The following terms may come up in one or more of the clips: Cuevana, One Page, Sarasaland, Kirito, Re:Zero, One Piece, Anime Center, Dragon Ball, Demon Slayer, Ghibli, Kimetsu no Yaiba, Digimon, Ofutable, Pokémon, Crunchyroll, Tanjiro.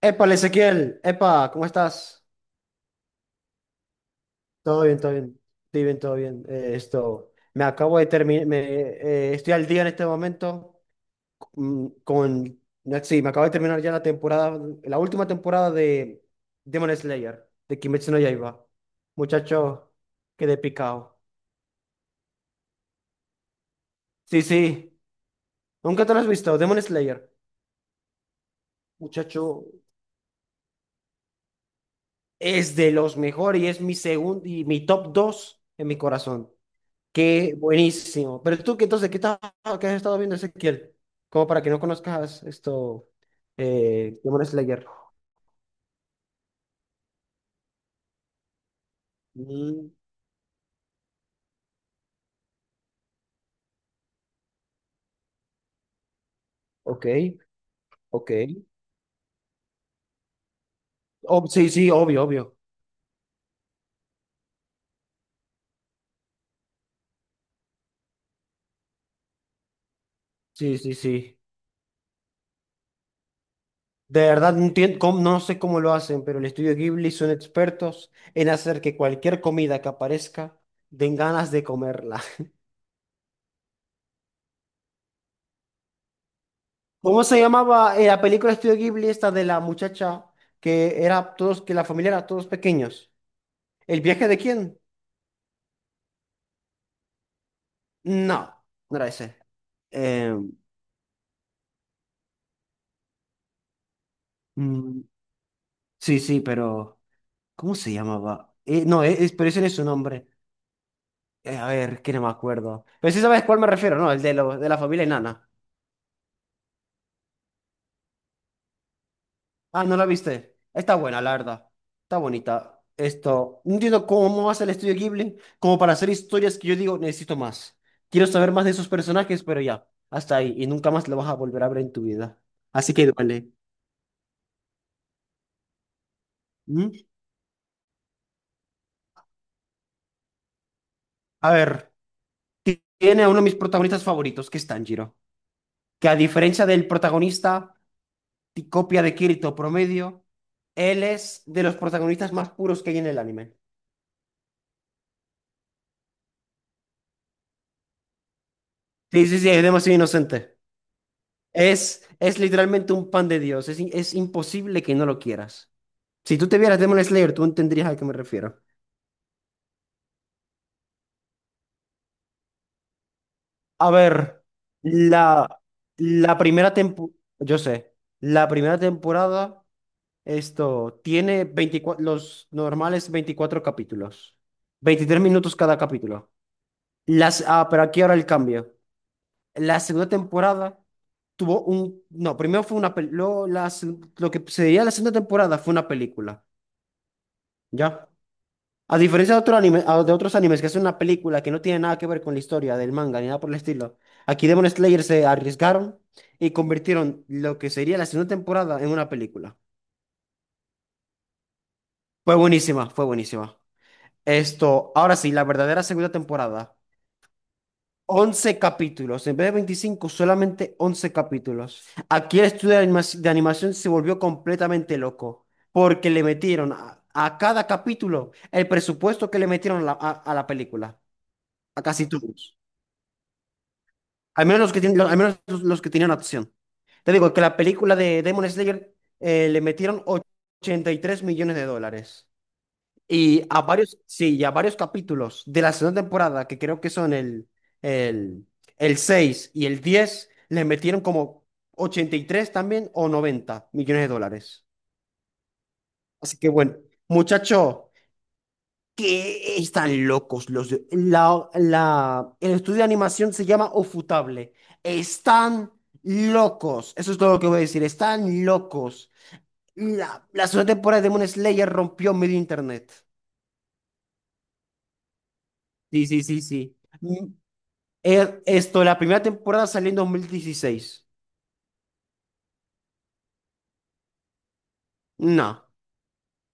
Épale, Ezequiel, epa, ¿cómo estás? Todo bien, todo bien, todo bien, todo bien. Esto, me acabo de terminar, estoy al día en este momento, con, no, sí, me acabo de terminar ya la temporada, la última temporada de Demon Slayer, de Kimetsu no Yaiba. Muchacho, quedé picado. Sí, sí, nunca te lo has visto, Demon Slayer. Muchacho, es de los mejores y es mi segundo y mi top 2 en mi corazón. Qué buenísimo. Pero tú, ¿qué entonces, ¿qué, estás- ¿qué has estado viendo, Ezequiel? Como para que no conozcas esto, Demon Slayer. Mm. Ok, ok. Sí, sí, obvio, obvio. Sí, sí, sí. De verdad, no sé cómo lo hacen, pero el estudio Ghibli son expertos en hacer que cualquier comida que aparezca den ganas de comerla. ¿Cómo se llamaba, la película de estudio Ghibli esta de la muchacha que era todos, que la familia era todos pequeños? ¿El viaje de quién? No, no era ese. Eh, mm, sí, sí, pero ¿cómo se llamaba? No, es, pero ese no es su nombre. A ver, que no me acuerdo. Pero sí sabes cuál me refiero, ¿no? El de, lo, de la familia enana. Ah, ¿no la viste? Está buena, la verdad. Está bonita. Esto, no entiendo cómo hace el estudio Ghibli, como para hacer historias que yo digo, necesito más. Quiero saber más de esos personajes, pero ya, hasta ahí. Y nunca más lo vas a volver a ver en tu vida. Así que duele. ¿Mm? A ver, tiene a uno de mis protagonistas favoritos, que es Tanjiro, que a diferencia del protagonista, copia de Kirito promedio, él es de los protagonistas más puros que hay en el anime. Sí, sí, sí, es demasiado inocente. Es literalmente un pan de Dios. Es imposible que no lo quieras. Si tú te vieras Demon Slayer, tú entenderías a qué me refiero. A ver, la, la primera temporada, yo sé, la primera temporada, esto, tiene 24, los normales 24 capítulos, 23 minutos cada capítulo. Las, ah, pero aquí ahora el cambio. La segunda temporada No, primero fue una película. Lo que se veía la segunda temporada fue una película, ¿ya? A diferencia de otro anime, de otros animes que es una película que no tiene nada que ver con la historia del manga ni nada por el estilo, aquí Demon Slayer se arriesgaron y convirtieron lo que sería la segunda temporada en una película. Fue buenísima, fue buenísima. Esto, ahora sí, la verdadera segunda temporada. 11 capítulos, en vez de 25, solamente 11 capítulos. Aquí el estudio de de animación se volvió completamente loco, porque le metieron a cada capítulo el presupuesto que le metieron a la, a la película, a casi todos. Al menos los que, al menos los que tenían acción. Te digo que la película de Demon Slayer, le metieron 83 millones de dólares. Y a varios, sí, y a varios capítulos de la segunda temporada, que creo que son el, el 6 y el diez, le metieron como 83 también o 90 millones de dólares. Así que bueno, muchacho, que están locos los de- la, el estudio de animación se llama Ofutable. Están locos. Eso es todo lo que voy a decir. Están locos. La segunda temporada de Demon Slayer rompió medio internet. Sí, sí, sí, sí. Esto, la primera temporada salió en 2016. No,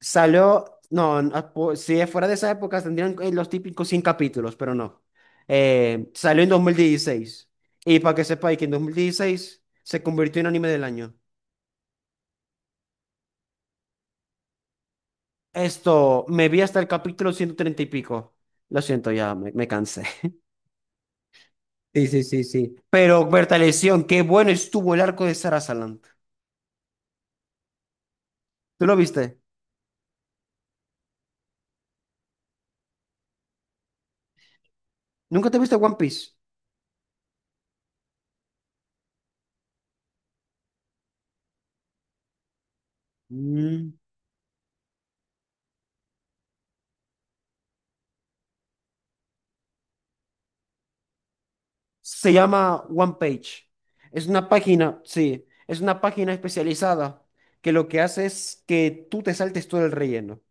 salió, no, no, po- si fuera de esa época tendrían, los típicos 100 capítulos, pero no. Salió en 2016. Y para que sepáis que en 2016 se convirtió en anime del año. Esto, me vi hasta el capítulo 130 y pico. Lo siento, ya me cansé. Sí, sí, sí, sí. Pero Berta Lesión, qué bueno estuvo el arco de Sarasaland. ¿Tú lo viste? ¿Nunca te viste One Piece? Mm. Se llama One Page. Es una página, sí, es una página especializada que lo que hace es que tú te saltes todo el relleno.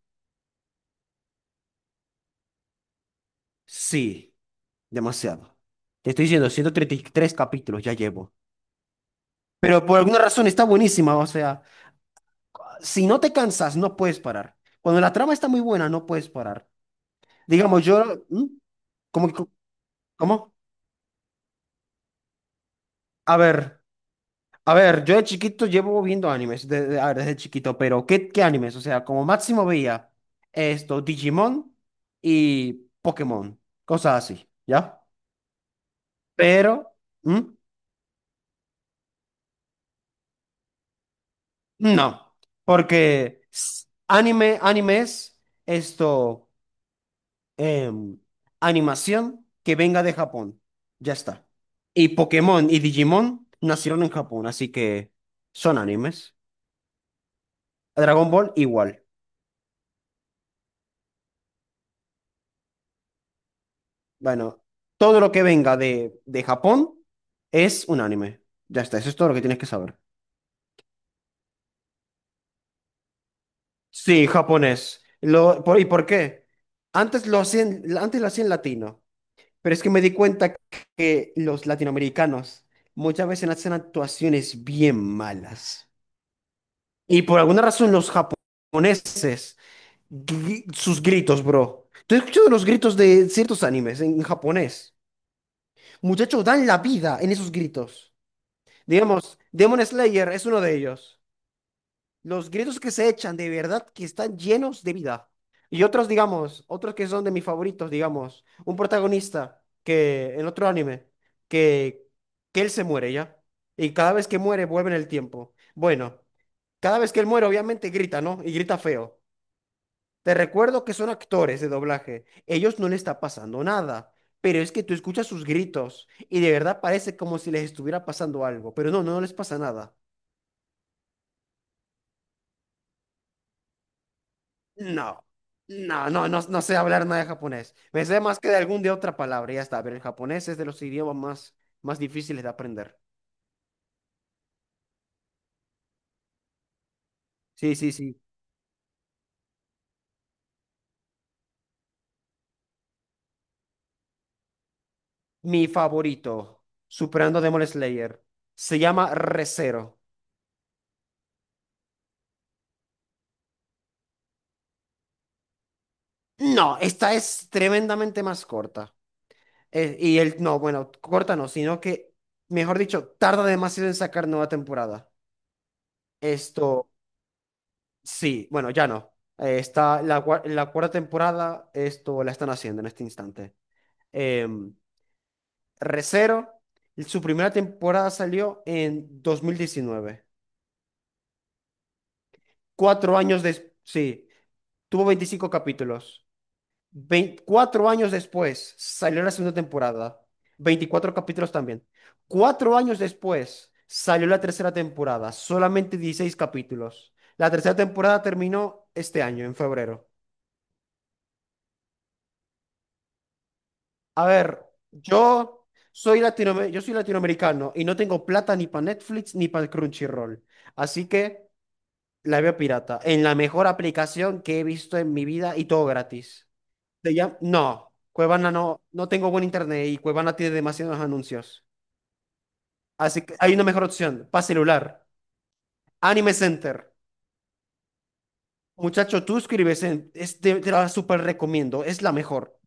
Sí, demasiado. Te estoy diciendo, 133 capítulos ya llevo. Pero por alguna razón está buenísima, o sea, si no te cansas, no puedes parar. Cuando la trama está muy buena, no puedes parar. Digamos, ¿Mm? ¿Cómo? ¿Cómo? A ver. A ver, yo de chiquito llevo viendo animes, a ver, desde chiquito, pero ¿qué animes? O sea, como máximo veía esto, Digimon y Pokémon, cosas así, ¿ya? Pero, ¿mm? No, anime, animes, esto, em, animación que venga de Japón, ya está. Y Pokémon y Digimon nacieron en Japón, así que son animes. Dragon Ball igual. Bueno, todo lo que venga de Japón es un anime. Ya está, eso es todo lo que tienes que saber. Sí, japonés. ¿Y por qué? Antes lo hacían latino, pero es que me di cuenta que los latinoamericanos muchas veces hacen actuaciones bien malas. Y por alguna razón los japoneses, sus gritos, bro. ¿Tú has escuchado los gritos de ciertos animes en japonés? Muchachos, dan la vida en esos gritos. Digamos, Demon Slayer es uno de ellos. Los gritos que se echan de verdad que están llenos de vida. Y otros, digamos, otros que son de mis favoritos, digamos, un protagonista que en otro anime, que, que él se muere ya. Y cada vez que muere vuelve en el tiempo. Bueno, cada vez que él muere obviamente grita, ¿no? Y grita feo. Te recuerdo que son actores de doblaje. Ellos no les está pasando nada. Pero es que tú escuchas sus gritos y de verdad parece como si les estuviera pasando algo. Pero no, no les pasa nada. No, no, no, no, no sé hablar nada de japonés. Me sé más que de algún de otra palabra, ya está. Pero el japonés es de los idiomas más difíciles de aprender. Sí, sí, sí. Mi favorito, superando Demon Slayer, se llama Re:Zero. No, esta es tremendamente más corta. Y el, no, bueno, corta no, sino que, mejor dicho, tarda demasiado en sacar nueva temporada. Esto, sí, bueno, ya no. Está la, la cuarta temporada, esto la están haciendo en este instante. Em, Re:Zero, su primera temporada salió en 2019. 4 años después, sí, tuvo 25 capítulos. 4 años después salió la segunda temporada. 24 capítulos también. 4 años después salió la tercera temporada, solamente 16 capítulos. La tercera temporada terminó este año, en febrero. A ver, yo soy latino, yo soy latinoamericano y no tengo plata ni para Netflix ni para Crunchyroll. Así que... La veo pirata. En la mejor aplicación que he visto en mi vida y todo gratis. No, Cuevana no, no tengo buen internet y Cuevana tiene demasiados anuncios. Así que hay una mejor opción, para celular. Anime Center. Muchacho, tú escribes te la súper recomiendo, es la mejor.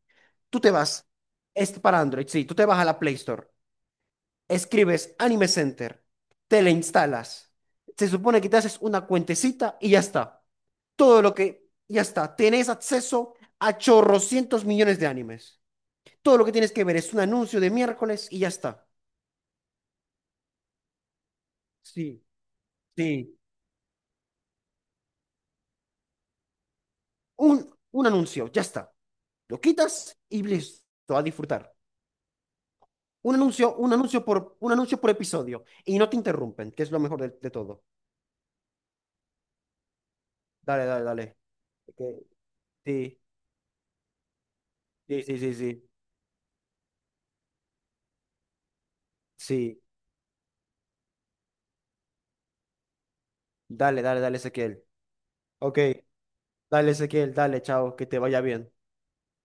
Tú te vas, es para Android, sí, tú te vas a la Play Store, escribes Anime Center, te la instalas. Se supone que te haces una cuentecita y ya está. Todo lo que, ya está, tenés acceso a chorrocientos millones de animes. Todo lo que tienes que ver es un anuncio de miércoles y ya está. Sí, sí. Un anuncio, ya está. Lo quitas y listo, a disfrutar. Un anuncio, un anuncio por episodio. Y no te interrumpen, que es lo mejor de todo. Dale, dale, dale. Ok, sí, sí, sí, sí, sí. Sí. Dale, dale, dale, Ezequiel. Ok, dale, Ezequiel, dale, chao, que te vaya bien.